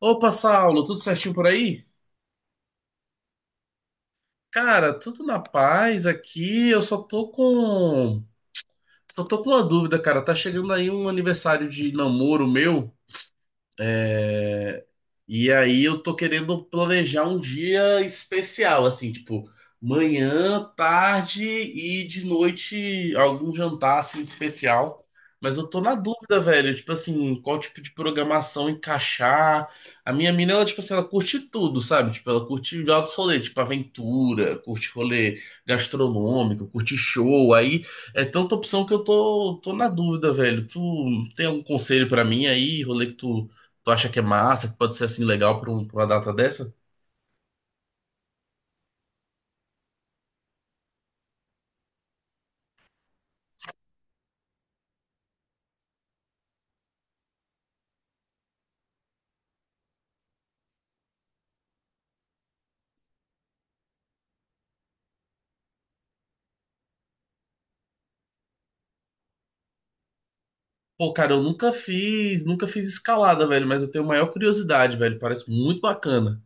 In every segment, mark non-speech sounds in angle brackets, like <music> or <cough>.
Opa, Saulo, tudo certinho por aí? Cara, tudo na paz aqui. Eu só tô com. Só tô com uma dúvida, cara. Tá chegando aí um aniversário de namoro meu. É, E aí eu tô querendo planejar um dia especial, assim, tipo, manhã, tarde e de noite algum jantar assim especial. Mas eu tô na dúvida, velho, tipo assim, qual tipo de programação encaixar. A minha mina, ela, tipo assim, ela curte tudo, sabe? Tipo, ela curte altos rolê, tipo aventura, curte rolê gastronômico, curte show. Aí é tanta opção que eu tô na dúvida, velho. Tu tem algum conselho pra mim aí, rolê que tu Tu acha que é massa, que pode ser assim legal pra, pra uma data dessa? Pô, cara, eu nunca fiz escalada, velho, mas eu tenho maior curiosidade, velho. Parece muito bacana.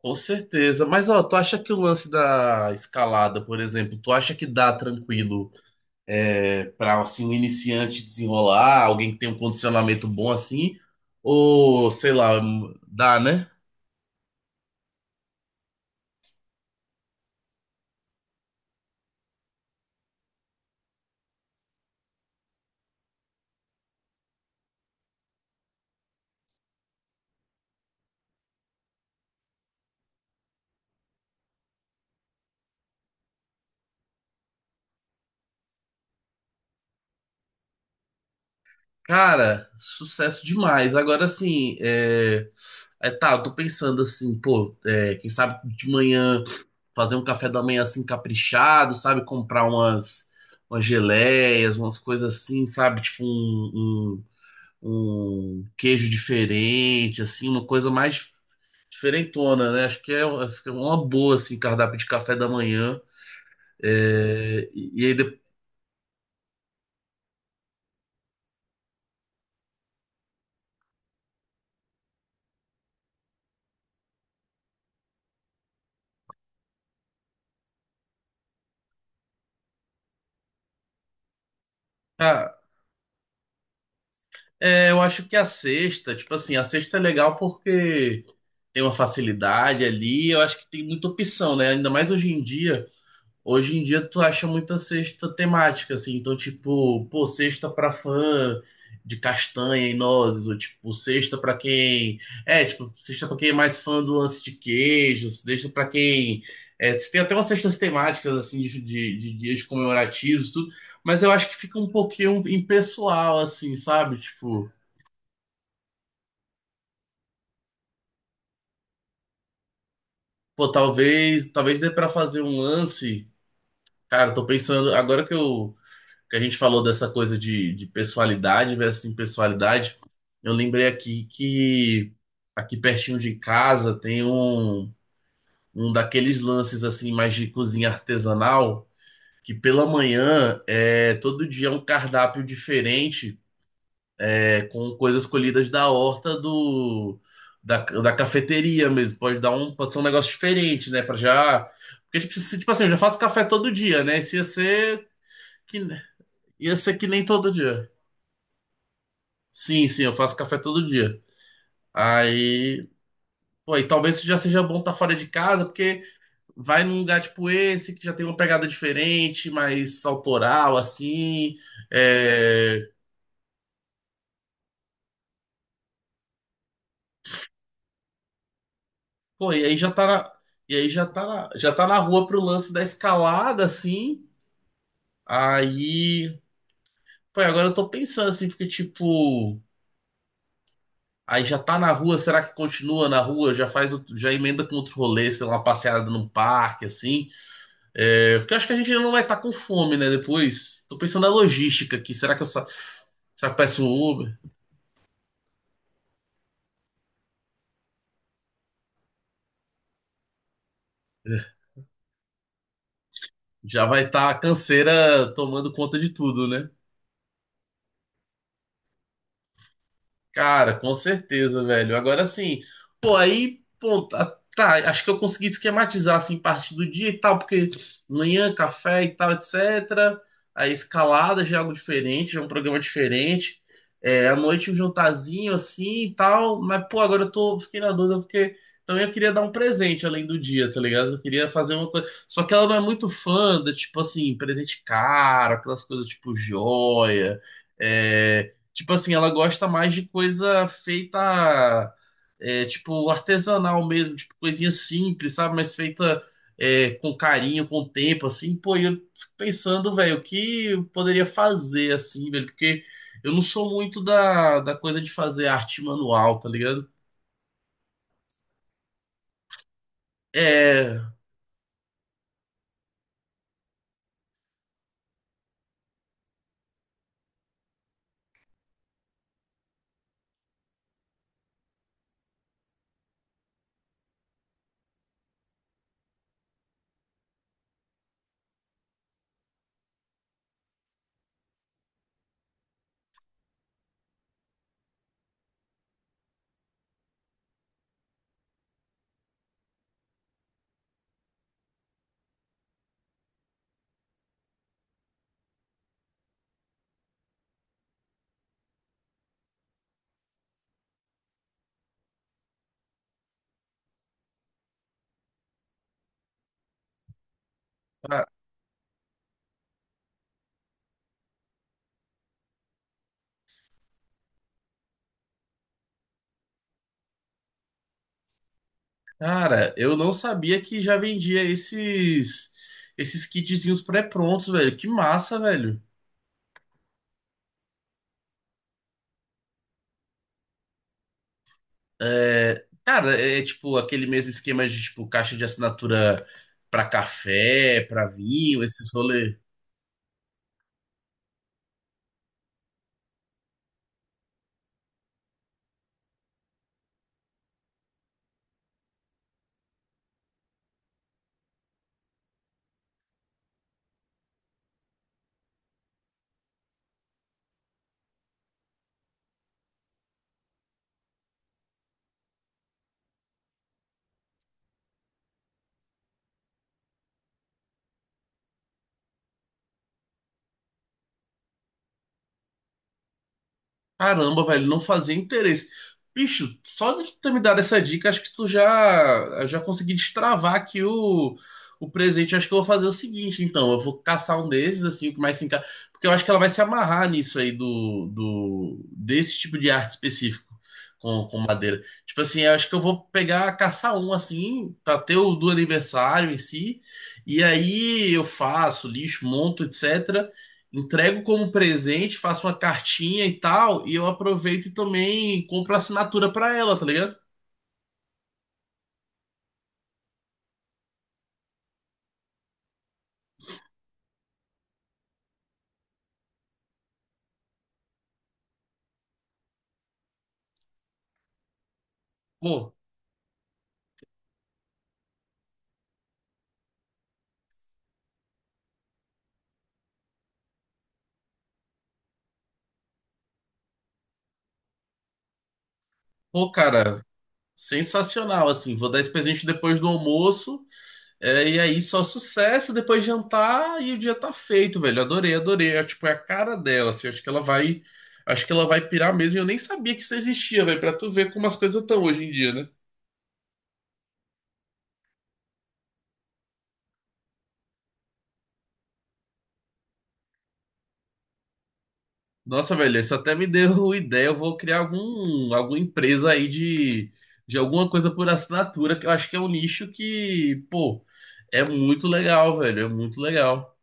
Com certeza. Mas, ó, tu acha que o lance da escalada, por exemplo, tu acha que dá tranquilo, é, pra, assim, um iniciante desenrolar, alguém que tem um condicionamento bom assim? Ou, sei lá, dá, né? Cara, sucesso demais. Agora sim, é, é, tá, eu tô pensando assim, pô, é, quem sabe de manhã fazer um café da manhã assim caprichado, sabe? Comprar umas, umas geleias, umas coisas assim, sabe? Tipo um, um queijo diferente, assim, uma coisa mais diferentona, né? Acho que é, uma fica uma boa, assim, cardápio de café da manhã. E aí depois. Ah, é, eu acho que a sexta, tipo assim, a sexta é legal porque tem uma facilidade ali. Eu acho que tem muita opção, né? Ainda mais hoje em dia. Hoje em dia tu acha muita cesta temática, assim. Então, tipo, pô, cesta pra fã de castanha e nozes, ou tipo, cesta pra quem. É, tipo, cesta pra quem é mais fã do lance de queijos, cesta pra quem. É, tem até umas cestas temáticas, assim, de dias comemorativos, tudo. Mas eu acho que fica um pouquinho impessoal, assim, sabe? Tipo, pô, talvez dê pra fazer um lance. Cara, eu tô pensando, agora que eu que a gente falou dessa coisa de pessoalidade versus impessoalidade, eu lembrei aqui que aqui pertinho de casa tem um, um daqueles lances assim mais de cozinha artesanal, que pela manhã é todo dia é um cardápio diferente, é, com coisas colhidas da horta do da cafeteria mesmo. Pode ser um negócio diferente, né? Pra já porque tipo, tipo assim, eu já faço café todo dia, né? Se ia ser que Ia ser que nem todo dia. Sim, sim, eu faço café todo dia. Aí, pô, e talvez já seja bom estar fora de casa, porque vai num lugar tipo esse, que já tem uma pegada diferente, mais autoral, assim. É. Pô, e aí já tá na... E aí já já tá na rua pro lance da escalada, assim. Aí, pô, e agora eu tô pensando, assim, porque, tipo, aí já tá na rua, será que continua na rua? Já faz, já emenda com outro rolê, sei lá, uma passeada num parque, assim. É, porque eu acho que a gente não vai estar com fome, né? Depois. Tô pensando na logística aqui. Será que eu peço um Uber? É, já vai estar a canseira tomando conta de tudo, né? Cara, com certeza, velho. Agora sim, pô, aí, pô, tá, acho que eu consegui esquematizar assim parte do dia e tal, porque manhã, café e tal, etc. Aí escalada já é algo diferente, já é um programa diferente. É, à noite um jantarzinho assim e tal, mas pô, fiquei na dúvida porque também eu queria dar um presente além do dia, tá ligado? Eu queria fazer uma coisa. Só que ela não é muito fã da, tipo assim, presente caro, aquelas coisas tipo joia. É, tipo assim, ela gosta mais de coisa feita, é, tipo, artesanal mesmo, tipo, coisinha simples, sabe? Mas feita, é, com carinho, com tempo, assim. Pô, e eu fico pensando, velho, o que eu poderia fazer, assim, velho? Porque eu não sou muito da coisa de fazer arte manual, tá ligado? É, ah, cara, eu não sabia que já vendia esses, esses kitzinhos pré-prontos, velho. Que massa, velho. É, cara, é tipo aquele mesmo esquema de tipo caixa de assinatura pra café, pra vinho, esses rolês. Caramba, velho, não fazia interesse. Bicho, só de tu ter me dado essa dica, acho que tu já consegui destravar aqui o presente. Acho que eu vou fazer o seguinte, então. Eu vou caçar um desses, assim, o que mais se encaixa. Porque eu acho que ela vai se amarrar nisso aí do desse tipo de arte específico com madeira. Tipo assim, eu acho que eu vou pegar, caçar um, assim, pra ter o do aniversário em si. E aí eu faço lixo, monto, etc. Entrego como presente, faço uma cartinha e tal, e eu aproveito e também compro assinatura pra ela, tá ligado? Pô, pô, cara, sensacional, assim. Vou dar esse presente depois do almoço, é, e aí só sucesso, depois jantar e o dia tá feito, velho. Adorei, adorei. É, tipo, é a cara dela, assim. Acho que ela vai pirar mesmo. Eu nem sabia que isso existia, velho, pra tu ver como as coisas estão hoje em dia, né? Nossa, velho, isso até me deu <laughs> ideia. Eu vou criar alguma empresa aí de alguma coisa por assinatura, que eu acho que é um nicho que, pô, é muito legal, velho. É muito legal.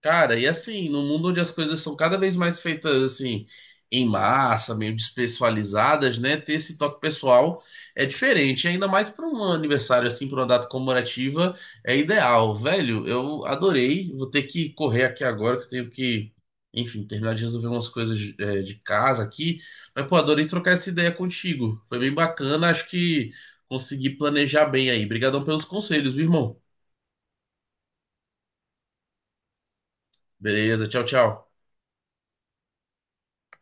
Cara, e assim, no mundo onde as coisas são cada vez mais feitas assim, em massa, meio despessoalizadas, né? Ter esse toque pessoal é diferente, ainda mais para um aniversário assim, para uma data comemorativa, é ideal. Velho, eu adorei. Vou ter que correr aqui agora, que eu tenho que, enfim, terminar de resolver umas coisas é, de casa aqui. Mas, pô, adorei trocar essa ideia contigo. Foi bem bacana, acho que consegui planejar bem aí. Obrigadão pelos conselhos, viu, irmão? Beleza, tchau, tchau.